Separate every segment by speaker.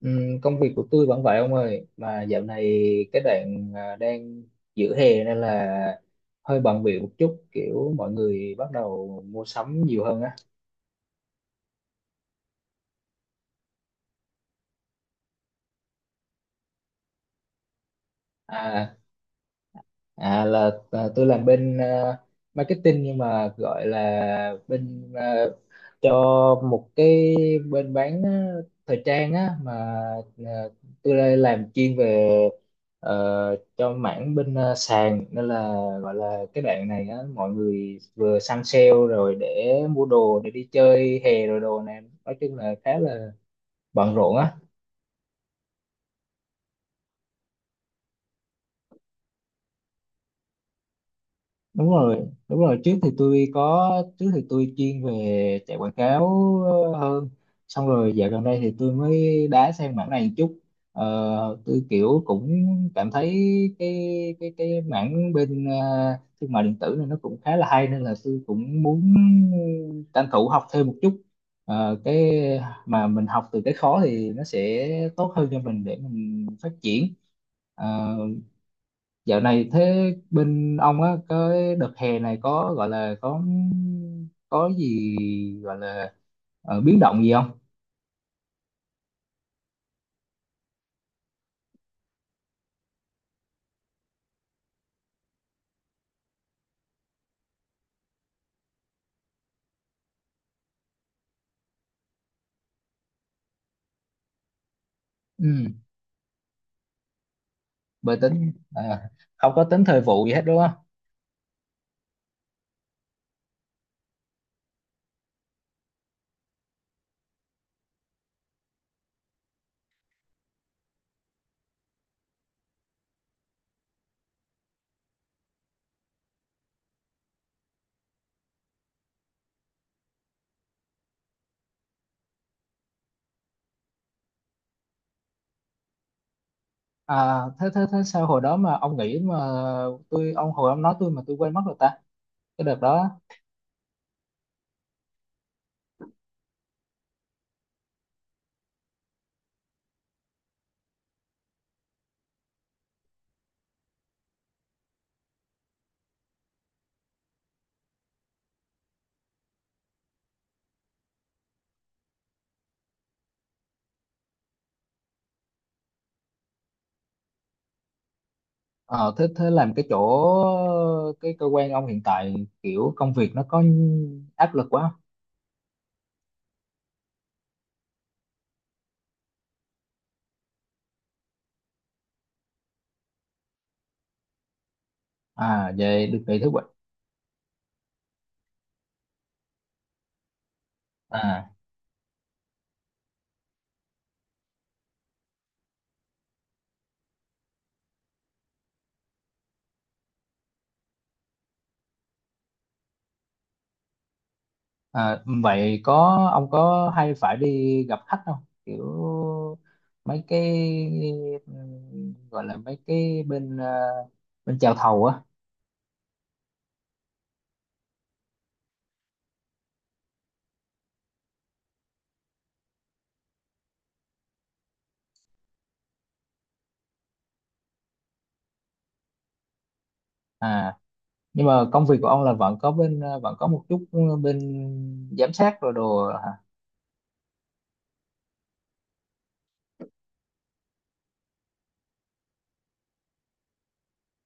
Speaker 1: Công việc của tôi vẫn vậy, ông ơi. Mà dạo này cái đoạn đang giữa hè nên là hơi bận bịu một chút, kiểu mọi người bắt đầu mua sắm nhiều hơn á. à, À là tôi làm bên marketing, nhưng mà gọi là bên cho một cái bên bán thời trang á. Mà à, tôi đây làm chuyên về, cho mảng bên sàn. Nên là gọi là cái đoạn này á, mọi người vừa săn sale rồi để mua đồ để đi chơi hè rồi đồ, này nói chung là khá là bận rộn á. Đúng rồi, đúng rồi, trước thì tôi chuyên về chạy quảng cáo hơn. Xong rồi dạo gần đây thì tôi mới đá sang mảng này một chút. Ờ, tôi kiểu cũng cảm thấy cái cái mảng bên thương mại điện tử này nó cũng khá là hay, nên là tôi cũng muốn tranh thủ học thêm một chút. Cái mà mình học từ cái khó thì nó sẽ tốt hơn cho mình để mình phát triển. Ờ, Dạo này thế bên ông á, cái đợt hè này có gọi là có gì gọi là biến động gì không? Ừ, bởi tính không có tính thời vụ gì hết đúng không? À, thế thế thế sao hồi đó mà ông nghĩ mà tôi ông hồi ông nói tôi mà tôi quên mất rồi ta, cái đợt đó. Ờ, thế thế làm cái chỗ, cái cơ quan ông hiện tại, kiểu công việc nó có áp lực quá không? À, về được nghỉ thứ bảy. À À, vậy ông có hay phải đi gặp khách không? Kiểu mấy cái, gọi là mấy cái bên bên chào thầu á. À, nhưng mà công việc của ông là vẫn có bên, vẫn có một chút bên giám sát rồi đồ hả?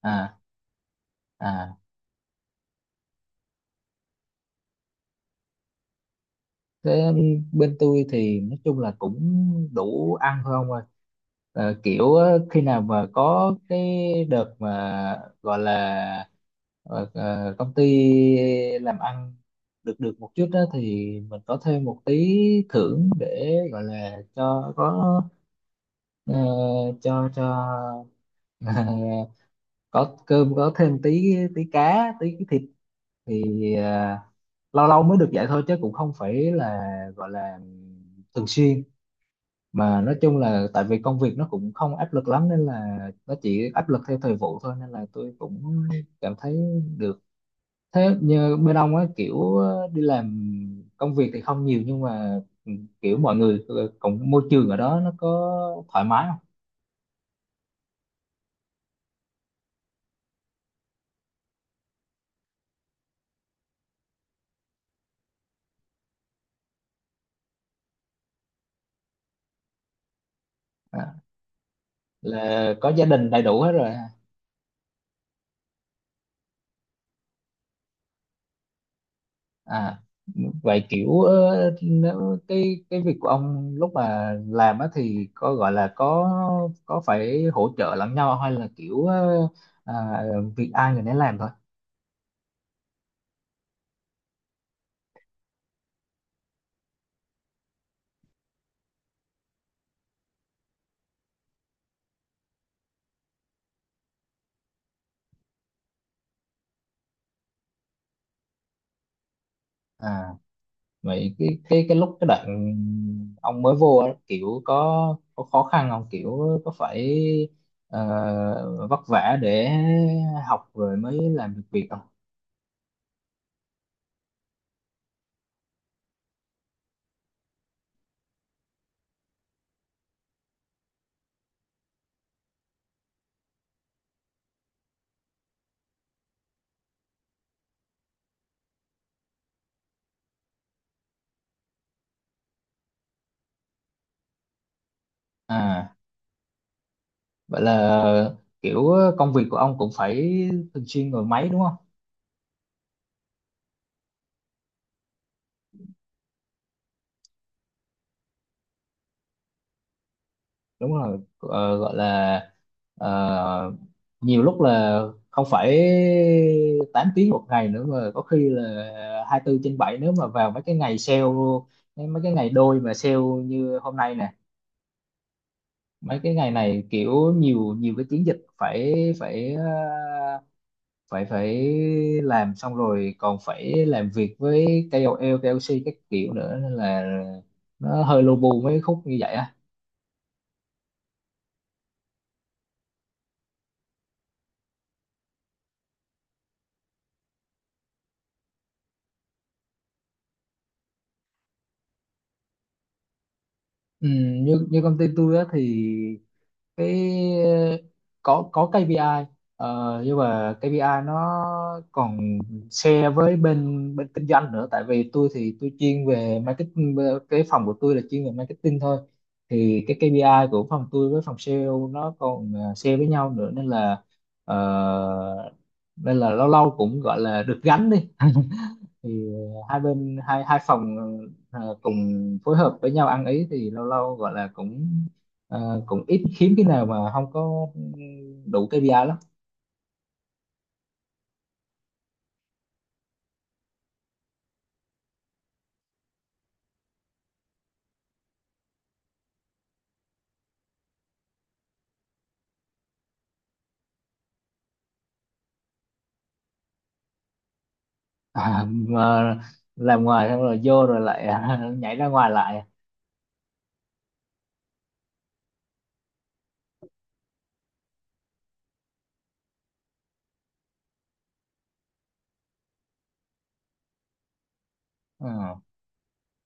Speaker 1: À, à thế bên tôi thì nói chung là cũng đủ ăn thôi, ông ơi. Kiểu á, khi nào mà có cái đợt mà gọi là công ty làm ăn được được một chút đó thì mình có thêm một tí thưởng, để gọi là cho có, ờ, cho có cơm có thêm tí tí cá tí cái thịt, thì ờ, lâu lâu mới được vậy thôi, chứ cũng không phải là gọi là thường xuyên. Mà nói chung là tại vì công việc nó cũng không áp lực lắm, nên là nó chỉ áp lực theo thời vụ thôi, nên là tôi cũng cảm thấy được. Thế như bên ông á, kiểu đi làm công việc thì không nhiều, nhưng mà kiểu mọi người cũng môi trường ở đó nó có thoải mái không? À, là có gia đình đầy đủ hết rồi. À, vậy kiểu nếu cái việc của ông lúc mà làm á thì có gọi là có phải hỗ trợ lẫn nhau, hay là kiểu à, việc ai người nấy làm thôi? À, vậy cái lúc cái đoạn ông mới vô á, kiểu có khó khăn không, kiểu có phải vất vả để học rồi mới làm được việc không? À, vậy là kiểu công việc của ông cũng phải thường xuyên ngồi máy đúng không? Đúng rồi. Ờ, Gọi là ờ, nhiều lúc là không phải 8 tiếng một ngày nữa, mà có khi là 24 trên 7 nếu mà vào mấy cái ngày sale, mấy cái ngày đôi mà sale như hôm nay nè. Mấy cái ngày này kiểu nhiều nhiều cái chiến dịch phải phải phải phải làm, xong rồi còn phải làm việc với KOL, KOC các kiểu nữa, nên là nó hơi lu bu mấy khúc như vậy á. ừ, như như công ty tôi á thì cái ờ, có KPI, nhưng mà KPI nó còn share với bên bên kinh doanh nữa. Tại vì tôi thì tôi chuyên về marketing, cái phòng của tôi là chuyên về marketing thôi. Thì cái KPI của phòng tôi với phòng sale nó còn share với nhau nữa, nên là ờ, lâu lâu cũng gọi là được gánh đi. Thì 2 bên, hai hai phòng cùng phối hợp với nhau ăn ý, thì lâu lâu gọi là cũng à, cũng ít, hiếm cái nào mà không có đủ KPI lắm. Mà làm ngoài xong rồi vô rồi lại nhảy ra ngoài lại. Ờ,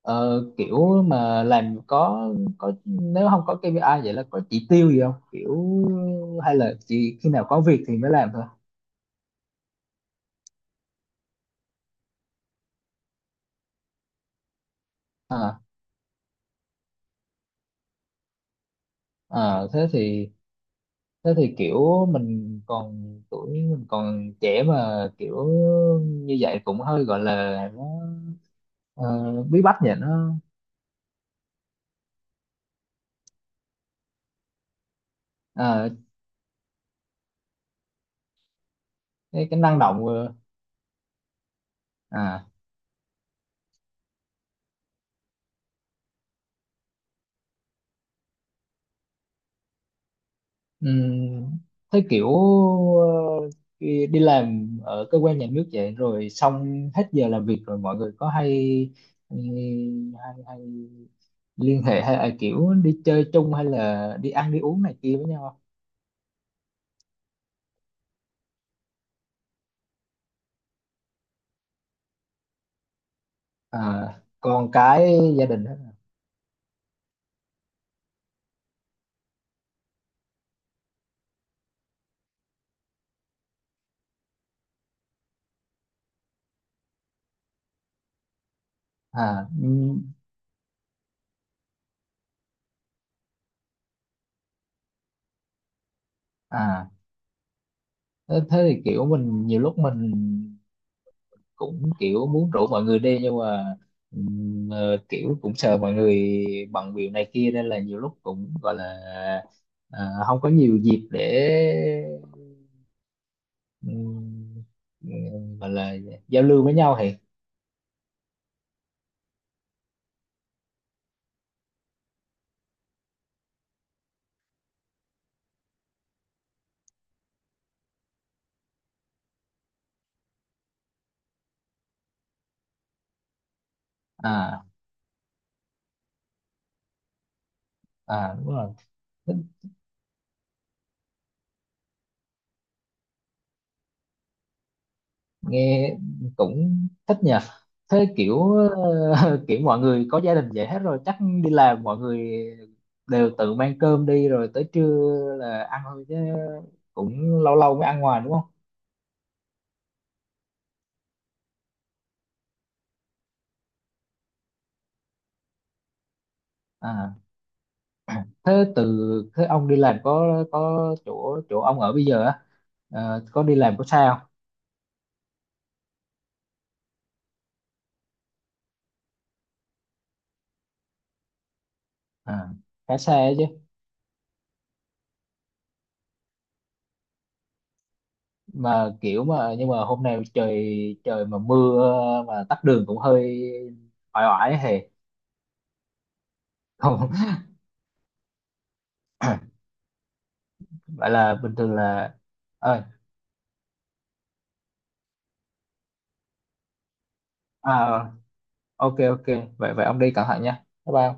Speaker 1: Kiểu mà làm có nếu không có KPI vậy là có chỉ tiêu gì không, kiểu hay là chỉ khi nào có việc thì mới làm thôi? Ờ, ờ, thế thì Thế thì kiểu mình còn tuổi, mình còn trẻ mà kiểu như vậy cũng hơi gọi là nó ờ, bí bách nhỉ, nó cái năng động. Ờ, à um, Thế kiểu ờ, đi đi làm ở cơ quan nhà nước vậy rồi xong hết giờ làm việc rồi mọi người có hay, ừ, hay, hay liên hệ, hay là kiểu đi chơi chung, hay là đi ăn đi uống này kia với nhau không? À, còn cái gia đình hết à? à, ừ, à thế thế thì kiểu mình nhiều lúc mình cũng kiểu muốn rủ mọi người đi, nhưng mà kiểu cũng sợ mọi người bận việc này kia, nên là nhiều lúc cũng gọi là không có nhiều dịp để ừm, gọi là giao lưu với nhau thì... À, à, đúng rồi. Thích- Nghe cũng thích nhỉ. Thế kiểu kiểu mọi người có gia đình vậy hết rồi, chắc đi làm mọi người đều tự mang cơm đi rồi tới trưa là ăn thôi, chứ cũng lâu lâu mới ăn ngoài đúng không? À, thế từ thế ông đi làm có chỗ chỗ ông ở bây giờ á, có đi làm có xa không? À, khá xa ấy chứ. Mà kiểu mà Nhưng mà hôm nay trời, trời mà mưa, mà tắc đường cũng hơi oải, oải hề. Không. Vậy là bình thường là... Ơi. à, ok, ok. Vậy vậy ông đi cẩn thận nha, bye bye ông.